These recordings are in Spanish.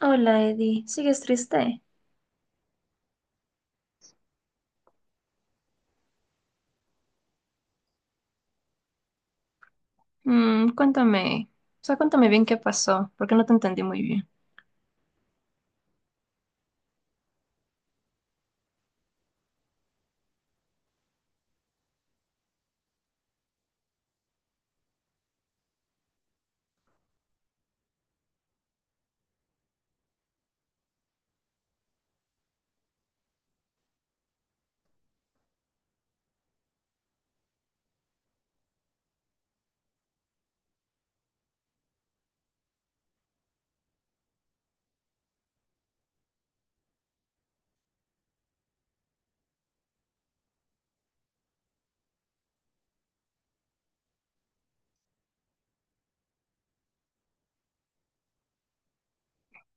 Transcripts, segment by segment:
Hola, Eddie. ¿Sigues triste? Cuéntame. O sea, cuéntame bien qué pasó, porque no te entendí muy bien.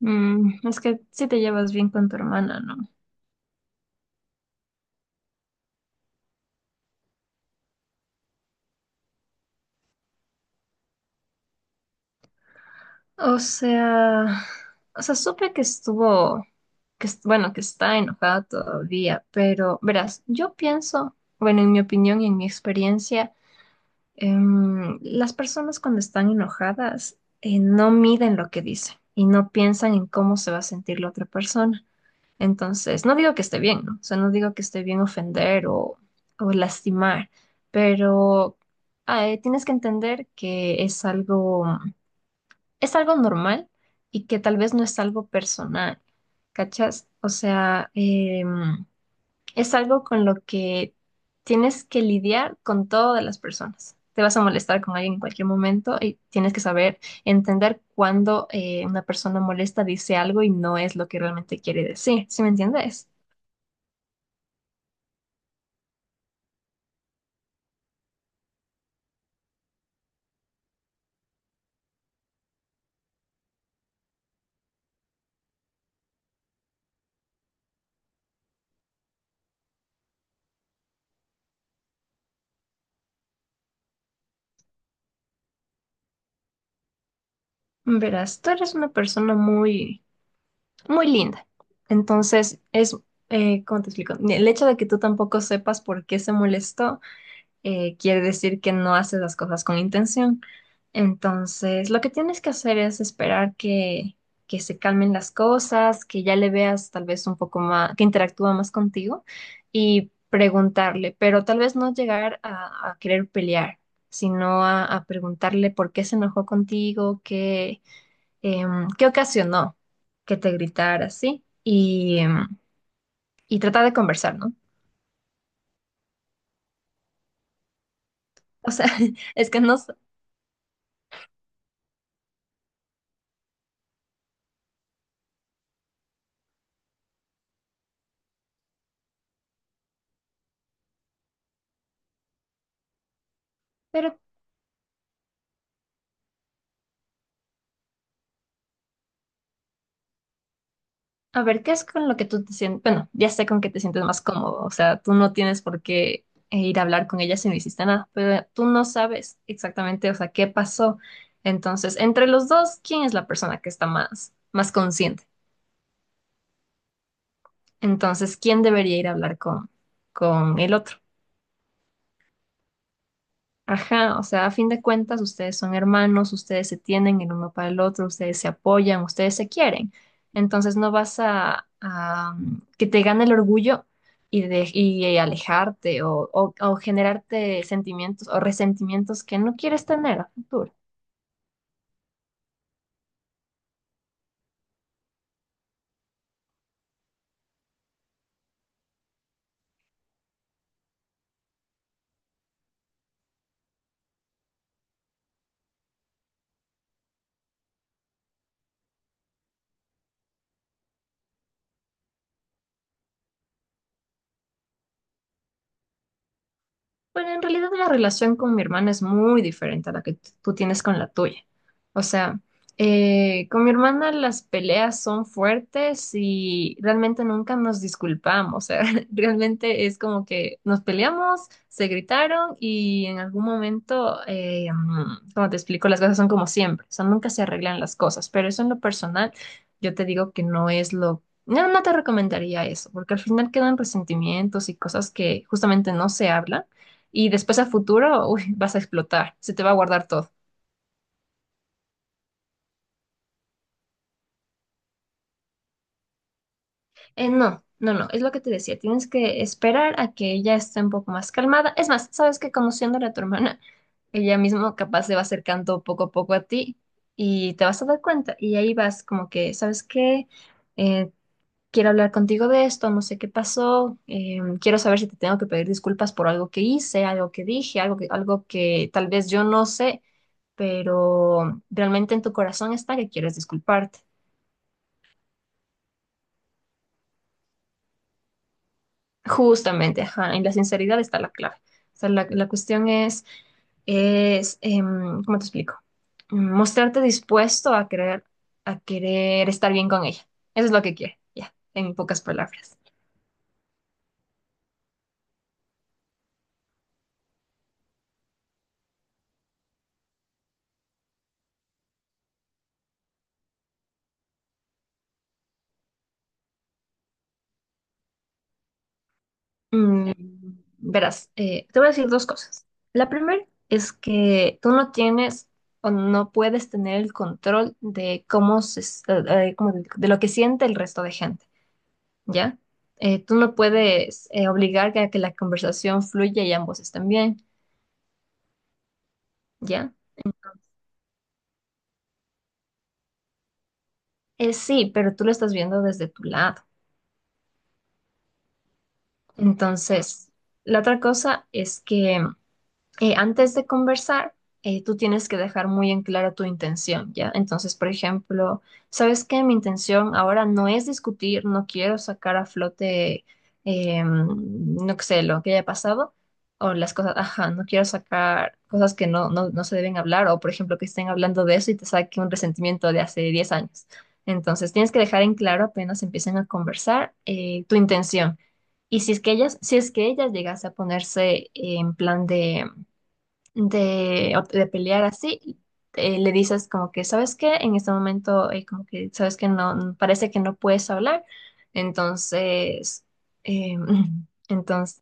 Es que sí te llevas bien con tu hermana, ¿no? O sea, o sea, supe que estuvo, que bueno, que está enojada todavía, pero verás, yo pienso, bueno, en mi opinión y en mi experiencia. Las personas cuando están enojadas no miden lo que dicen y no piensan en cómo se va a sentir la otra persona. Entonces, no digo que esté bien, ¿no? O sea, no digo que esté bien ofender o lastimar, pero tienes que entender que es algo normal y que tal vez no es algo personal, ¿cachas? O sea, es algo con lo que tienes que lidiar con todas las personas. Te vas a molestar con alguien en cualquier momento y tienes que saber entender cuando una persona molesta dice algo y no es lo que realmente quiere decir. ¿Sí me entiendes? Verás, tú eres una persona muy, muy linda. Entonces, ¿cómo te explico? El hecho de que tú tampoco sepas por qué se molestó quiere decir que no haces las cosas con intención. Entonces, lo que tienes que hacer es esperar que se calmen las cosas, que ya le veas tal vez un poco más, que interactúa más contigo y preguntarle, pero tal vez no llegar a querer pelear, sino a preguntarle por qué se enojó contigo, qué ocasionó que te gritara así y tratar de conversar, ¿no? O sea, es que no, pero a ver, ¿qué es con lo que tú te sientes? Bueno, ya sé con qué te sientes más cómodo. O sea, tú no tienes por qué ir a hablar con ella si no hiciste nada, pero tú no sabes exactamente, o sea, qué pasó. Entonces, entre los dos, ¿quién es la persona que está más, más consciente? Entonces, ¿quién debería ir a hablar con el otro? Ajá, o sea, a fin de cuentas, ustedes son hermanos, ustedes se tienen el uno para el otro, ustedes se apoyan, ustedes se quieren. Entonces no vas a, que te gane el orgullo y alejarte, o generarte sentimientos o resentimientos que no quieres tener a futuro. Bueno, en realidad la relación con mi hermana es muy diferente a la que tú tienes con la tuya. O sea, con mi hermana las peleas son fuertes y realmente nunca nos disculpamos. O sea, realmente es como que nos peleamos, se gritaron y en algún momento, como te explico, las cosas son como siempre. O sea, nunca se arreglan las cosas. Pero eso en lo personal, yo te digo que No, no te recomendaría eso, porque al final quedan resentimientos y cosas que justamente no se hablan y después a futuro, uy, vas a explotar, se te va a guardar todo. No, no, no, es lo que te decía, tienes que esperar a que ella esté un poco más calmada. Es más, sabes que conociéndole a tu hermana, ella misma capaz se va acercando poco a poco a ti y te vas a dar cuenta y ahí vas como que, ¿sabes qué? Eh, quiero hablar contigo de esto, no sé qué pasó, quiero saber si te tengo que pedir disculpas por algo que hice, algo que dije, algo que tal vez yo no sé, pero realmente en tu corazón está que quieres disculparte. Justamente, ajá, en la sinceridad está la clave. O sea, la cuestión es, ¿cómo te explico? Mostrarte dispuesto a querer estar bien con ella. Eso es lo que quiere, ya, en pocas palabras. Mm, verás, te voy a decir dos cosas. La primera es que tú no tienes o no puedes tener el control de cómo como de lo que siente el resto de gente, ¿ya? Tú no puedes obligar a que la conversación fluya y ambos estén bien, ¿ya? Sí, pero tú lo estás viendo desde tu lado. Entonces, la otra cosa es que antes de conversar, tú tienes que dejar muy en claro tu intención, ¿ya? Entonces, por ejemplo, ¿sabes qué? Mi intención ahora no es discutir, no quiero sacar a flote, no sé, lo que haya pasado o las cosas, ajá, no quiero sacar cosas que no se deben hablar o, por ejemplo, que estén hablando de eso y te saque un resentimiento de hace 10 años. Entonces, tienes que dejar en claro apenas empiecen a conversar tu intención. Y si es que ellas llegase a ponerse en plan de, o de pelear así, le dices como que, ¿sabes qué? En este momento, como que, ¿sabes que no, parece que no puedes hablar? Entonces, eh, entonces,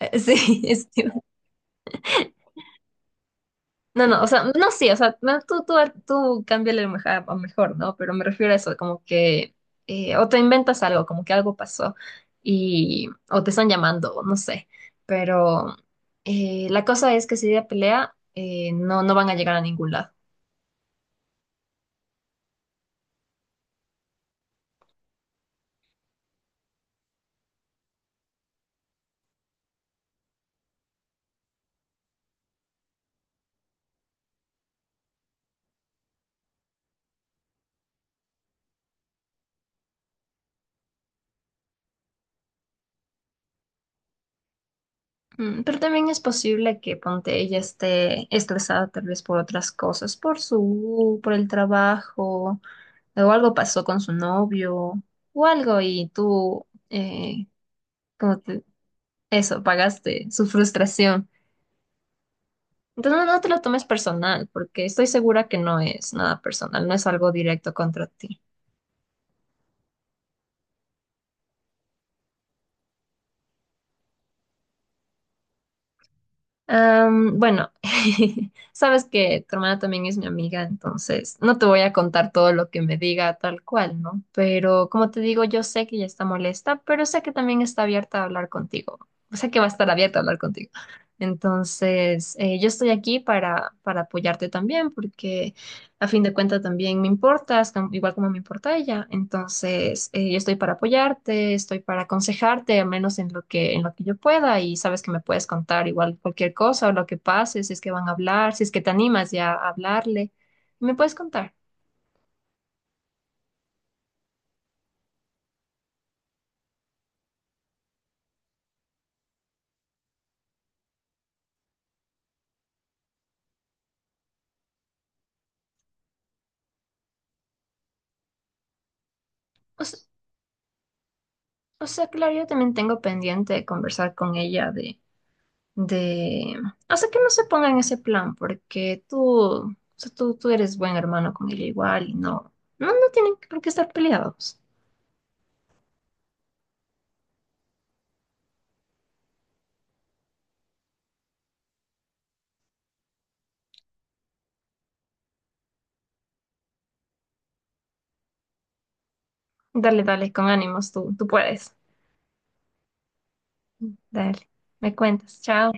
sí, no, no, o sea, no, no, sí, o sea, no, tú cámbiale lo mejor, a mejor, ¿no? Pero me refiero a eso, como que, o te inventas algo, como que algo pasó y, o te están llamando, o no sé, pero la cosa es que si ella pelea, no van a llegar a ningún lado. Pero también es posible que ponte ella esté estresada tal vez por otras cosas, por su, por el trabajo, o algo pasó con su novio, o algo, y tú, como te- eso, pagaste su frustración. Entonces no te lo tomes personal, porque estoy segura que no es nada personal, no es algo directo contra ti. Bueno, sabes que tu hermana también es mi amiga, entonces no te voy a contar todo lo que me diga tal cual, ¿no? Pero como te digo, yo sé que ella está molesta, pero sé que también está abierta a hablar contigo. O sea que va a estar abierta a hablar contigo. Entonces, yo estoy aquí para apoyarte también, porque a fin de cuentas también me importas, igual como me importa ella. Entonces, yo estoy para apoyarte, estoy para aconsejarte, al menos en lo que yo pueda, y sabes que me puedes contar igual cualquier cosa o lo que pase, si es que van a hablar, si es que te animas ya a hablarle, me puedes contar. O sea, o sea, claro, yo también tengo pendiente de conversar con ella de, o sea, que no se ponga en ese plan, porque tú, o sea, tú eres buen hermano con ella igual y no tienen por qué estar peleados. Dale, dale, con ánimos, tú puedes. Dale, me cuentas, chao.